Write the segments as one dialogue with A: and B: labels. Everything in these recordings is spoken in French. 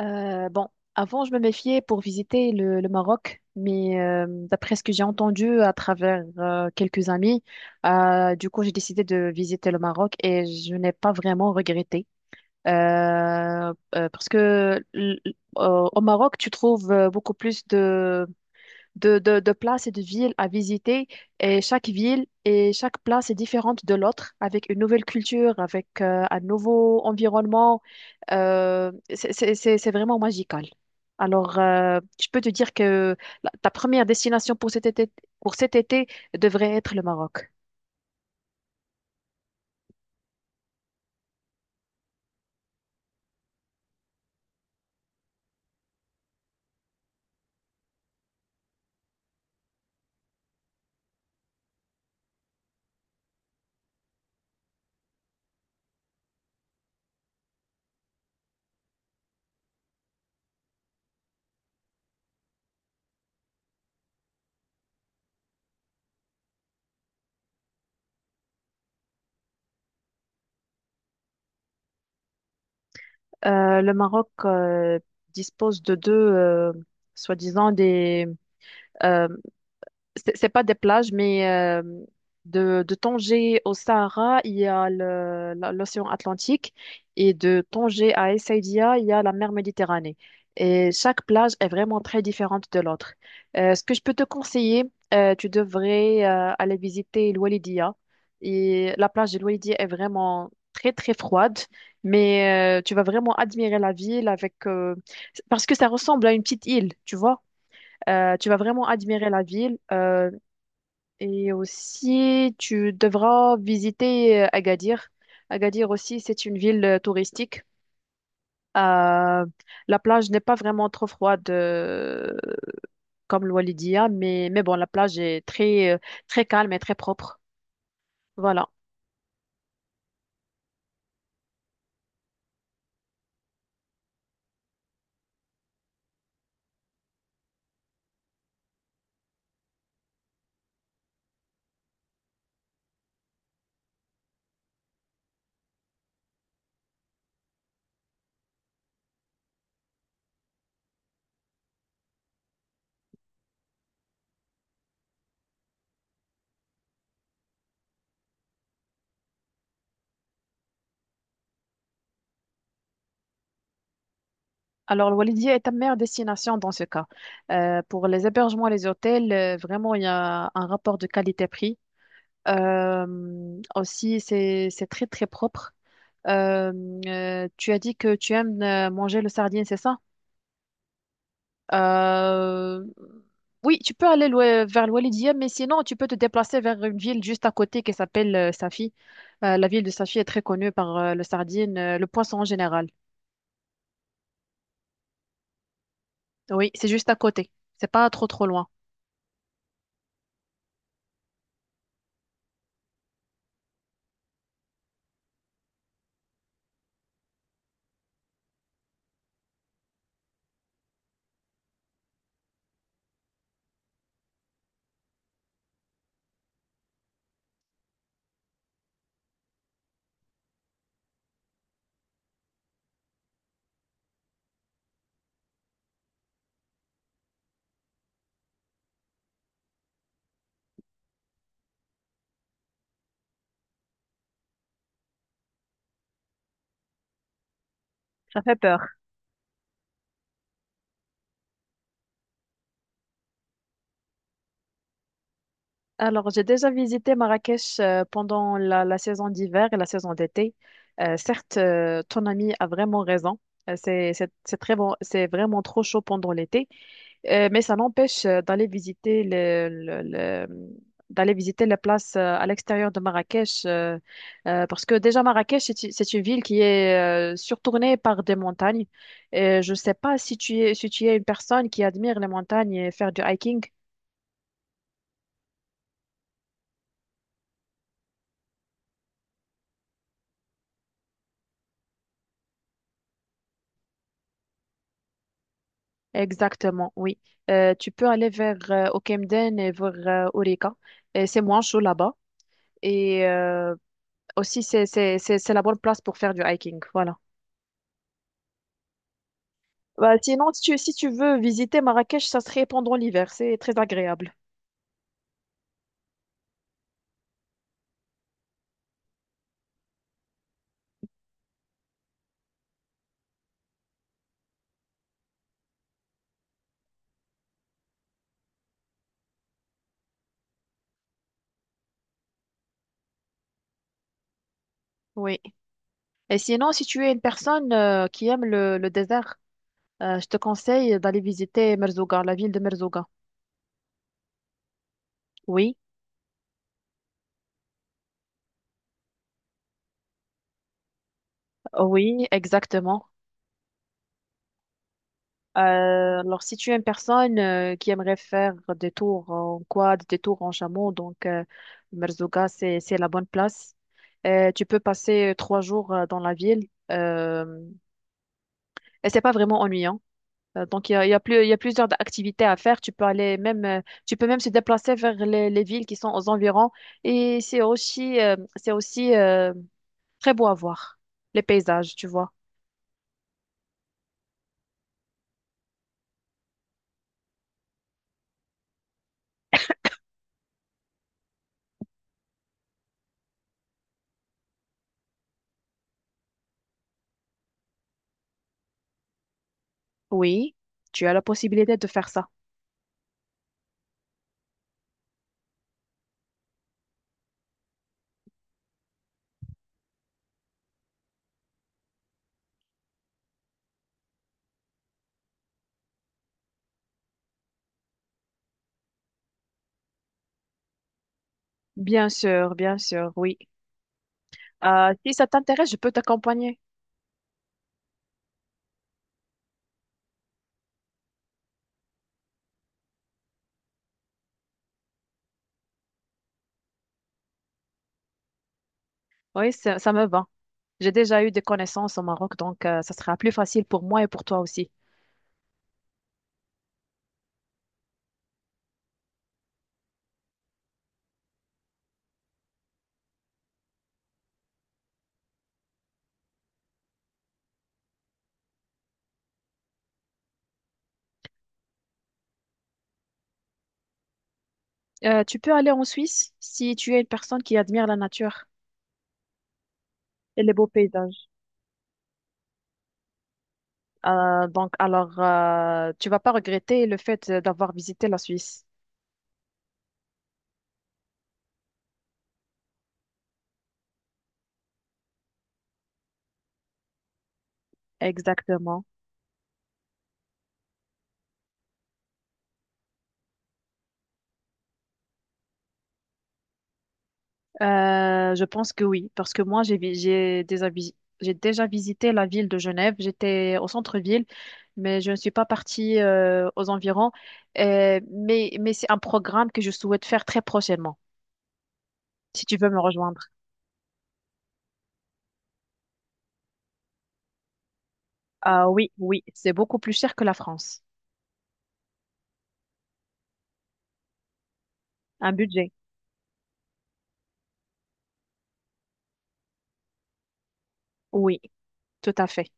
A: Euh, bon, avant, je me méfiais pour visiter le Maroc, mais d'après ce que j'ai entendu à travers quelques amis, du coup, j'ai décidé de visiter le Maroc et je n'ai pas vraiment regretté. Euh, Parce que au Maroc, tu trouves beaucoup plus de places et de villes à visiter. Et chaque ville et chaque place est différente de l'autre, avec une nouvelle culture, avec un nouveau environnement. C'est vraiment magical. Alors, je peux te dire que ta première destination pour cet été, pour cet été devrait être le Maroc. Le Maroc dispose de deux, soi-disant, euh, c'est pas des plages, mais de Tanger au Sahara, il y a l'océan Atlantique et de Tanger à Essaouira, il y a la mer Méditerranée. Et chaque plage est vraiment très différente de l'autre. Ce que je peux te conseiller, tu devrais aller visiter l'Oualidia. Et la plage de l'Oualidia est vraiment très très froide, mais tu vas vraiment admirer la ville avec parce que ça ressemble à une petite île, tu vois. Tu vas vraiment admirer la ville. Et aussi, tu devras visiter Agadir. Agadir aussi, c'est une ville touristique. Euh, la plage n'est pas vraiment trop froide comme le Walidia, mais bon, la plage est très, très calme et très propre. Voilà. Alors, le Walidia est ta meilleure destination dans ce cas. Pour les hébergements et les hôtels, vraiment, il y a un rapport de qualité-prix. Aussi, c'est très, très propre. Euh, Tu as dit que tu aimes manger le sardine, c'est ça? Euh, oui, tu peux aller vers l'Oualidia, mais sinon, tu peux te déplacer vers une ville juste à côté qui s'appelle Safi. La ville de Safi est très connue par le sardine, le poisson en général. Oui, c'est juste à côté. C'est pas trop, trop loin. Ça fait peur. Alors, j'ai déjà visité Marrakech pendant la saison d'hiver et la saison d'été. Certes, ton ami a vraiment raison. C'est très bon, c'est vraiment trop chaud pendant l'été. Mais ça n'empêche d'aller visiter d'aller visiter les places à l'extérieur de Marrakech, parce que déjà Marrakech, c'est une ville qui est surtournée par des montagnes. Et je ne sais pas si tu es, si tu es une personne qui admire les montagnes et faire du hiking. Exactement, oui. Tu peux aller vers au et vers Aurica. Et c'est moins chaud là-bas. Et euh, Aussi, c'est la bonne place pour faire du hiking. Voilà. Bah, sinon, si tu, si tu veux visiter Marrakech, ça serait pendant l'hiver. C'est très agréable. Oui. Et sinon, si tu es une personne qui aime le désert, je te conseille d'aller visiter Merzouga, la ville de Merzouga. Oui, oui, exactement. Alors, si tu es une personne qui aimerait faire des tours en quad, des tours en chameau, Merzouga, c'est la bonne place. Tu peux passer 3 jours dans la ville et c'est pas vraiment ennuyant. Donc, il y a plusieurs activités à faire. Tu peux aller même, tu peux même se déplacer vers les villes qui sont aux environs et c'est aussi très beau à voir, les paysages, tu vois. Oui, tu as la possibilité de faire ça. Bien sûr, oui. Si ça t'intéresse, je peux t'accompagner. Oui, ça me va. J'ai déjà eu des connaissances au Maroc, ça sera plus facile pour moi et pour toi aussi. Tu peux aller en Suisse si tu es une personne qui admire la nature et les beaux paysages. Tu vas pas regretter le fait d'avoir visité la Suisse. Exactement. Je pense que oui, parce que moi, j'ai déjà visité la ville de Genève. J'étais au centre-ville, mais je ne suis pas partie aux environs. Mais c'est un programme que je souhaite faire très prochainement, si tu veux me rejoindre. Ah oui, oui, c'est beaucoup plus cher que la France. Un budget, oui, tout à fait.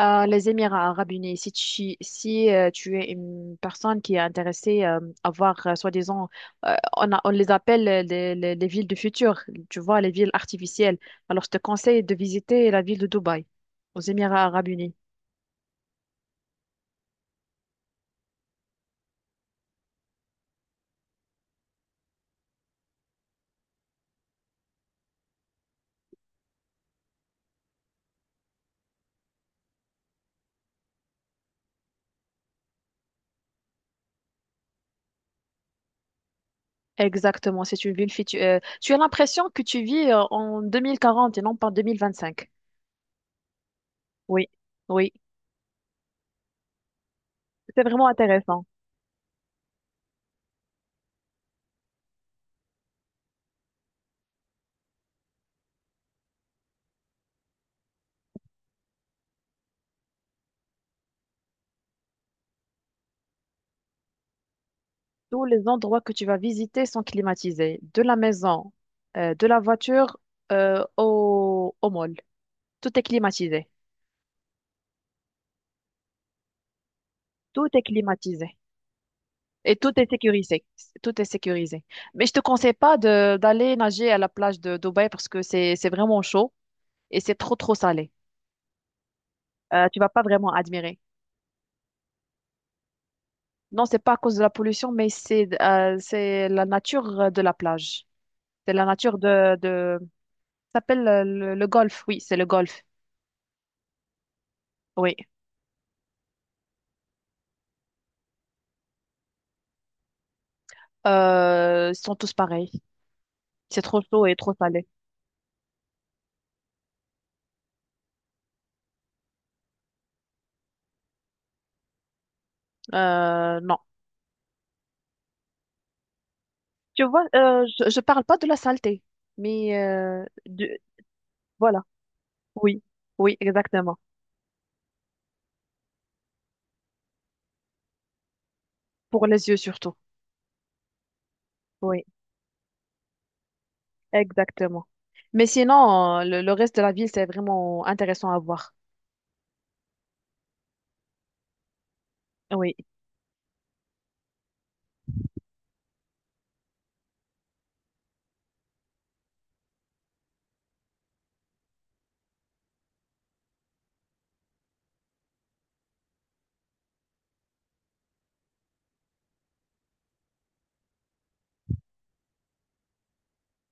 A: Les Émirats arabes unis, si tu, si, tu es une personne qui est intéressée à voir, soi-disant, on les appelle les villes du futur, tu vois, les villes artificielles. Alors, je te conseille de visiter la ville de Dubaï, aux Émirats arabes unis. Exactement, c'est une ville future. Tu as l'impression que tu vis en 2040 et non pas en 2025. Oui, oui, c'est vraiment intéressant. Tous les endroits que tu vas visiter sont climatisés, de la maison, de la voiture au mall. Tout est climatisé. Tout est climatisé. Et tout est sécurisé. Tout est sécurisé. Mais je te conseille pas de d'aller nager à la plage de Dubaï parce que c'est vraiment chaud et c'est trop trop salé. Tu vas pas vraiment admirer. Non, c'est pas à cause de la pollution, mais c'est la nature de la plage. C'est la nature de ça s'appelle le golfe. Oui, c'est le golfe. Oui. Ils sont tous pareils. C'est trop chaud et trop salé. Non. Tu vois, je parle pas de la saleté, mais voilà. Oui, oui, exactement. Pour les yeux surtout. Oui, exactement. Mais sinon, le reste de la ville, c'est vraiment intéressant à voir. Oui.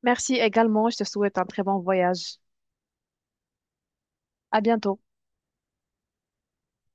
A: Merci également. Je te souhaite un très bon voyage. À bientôt.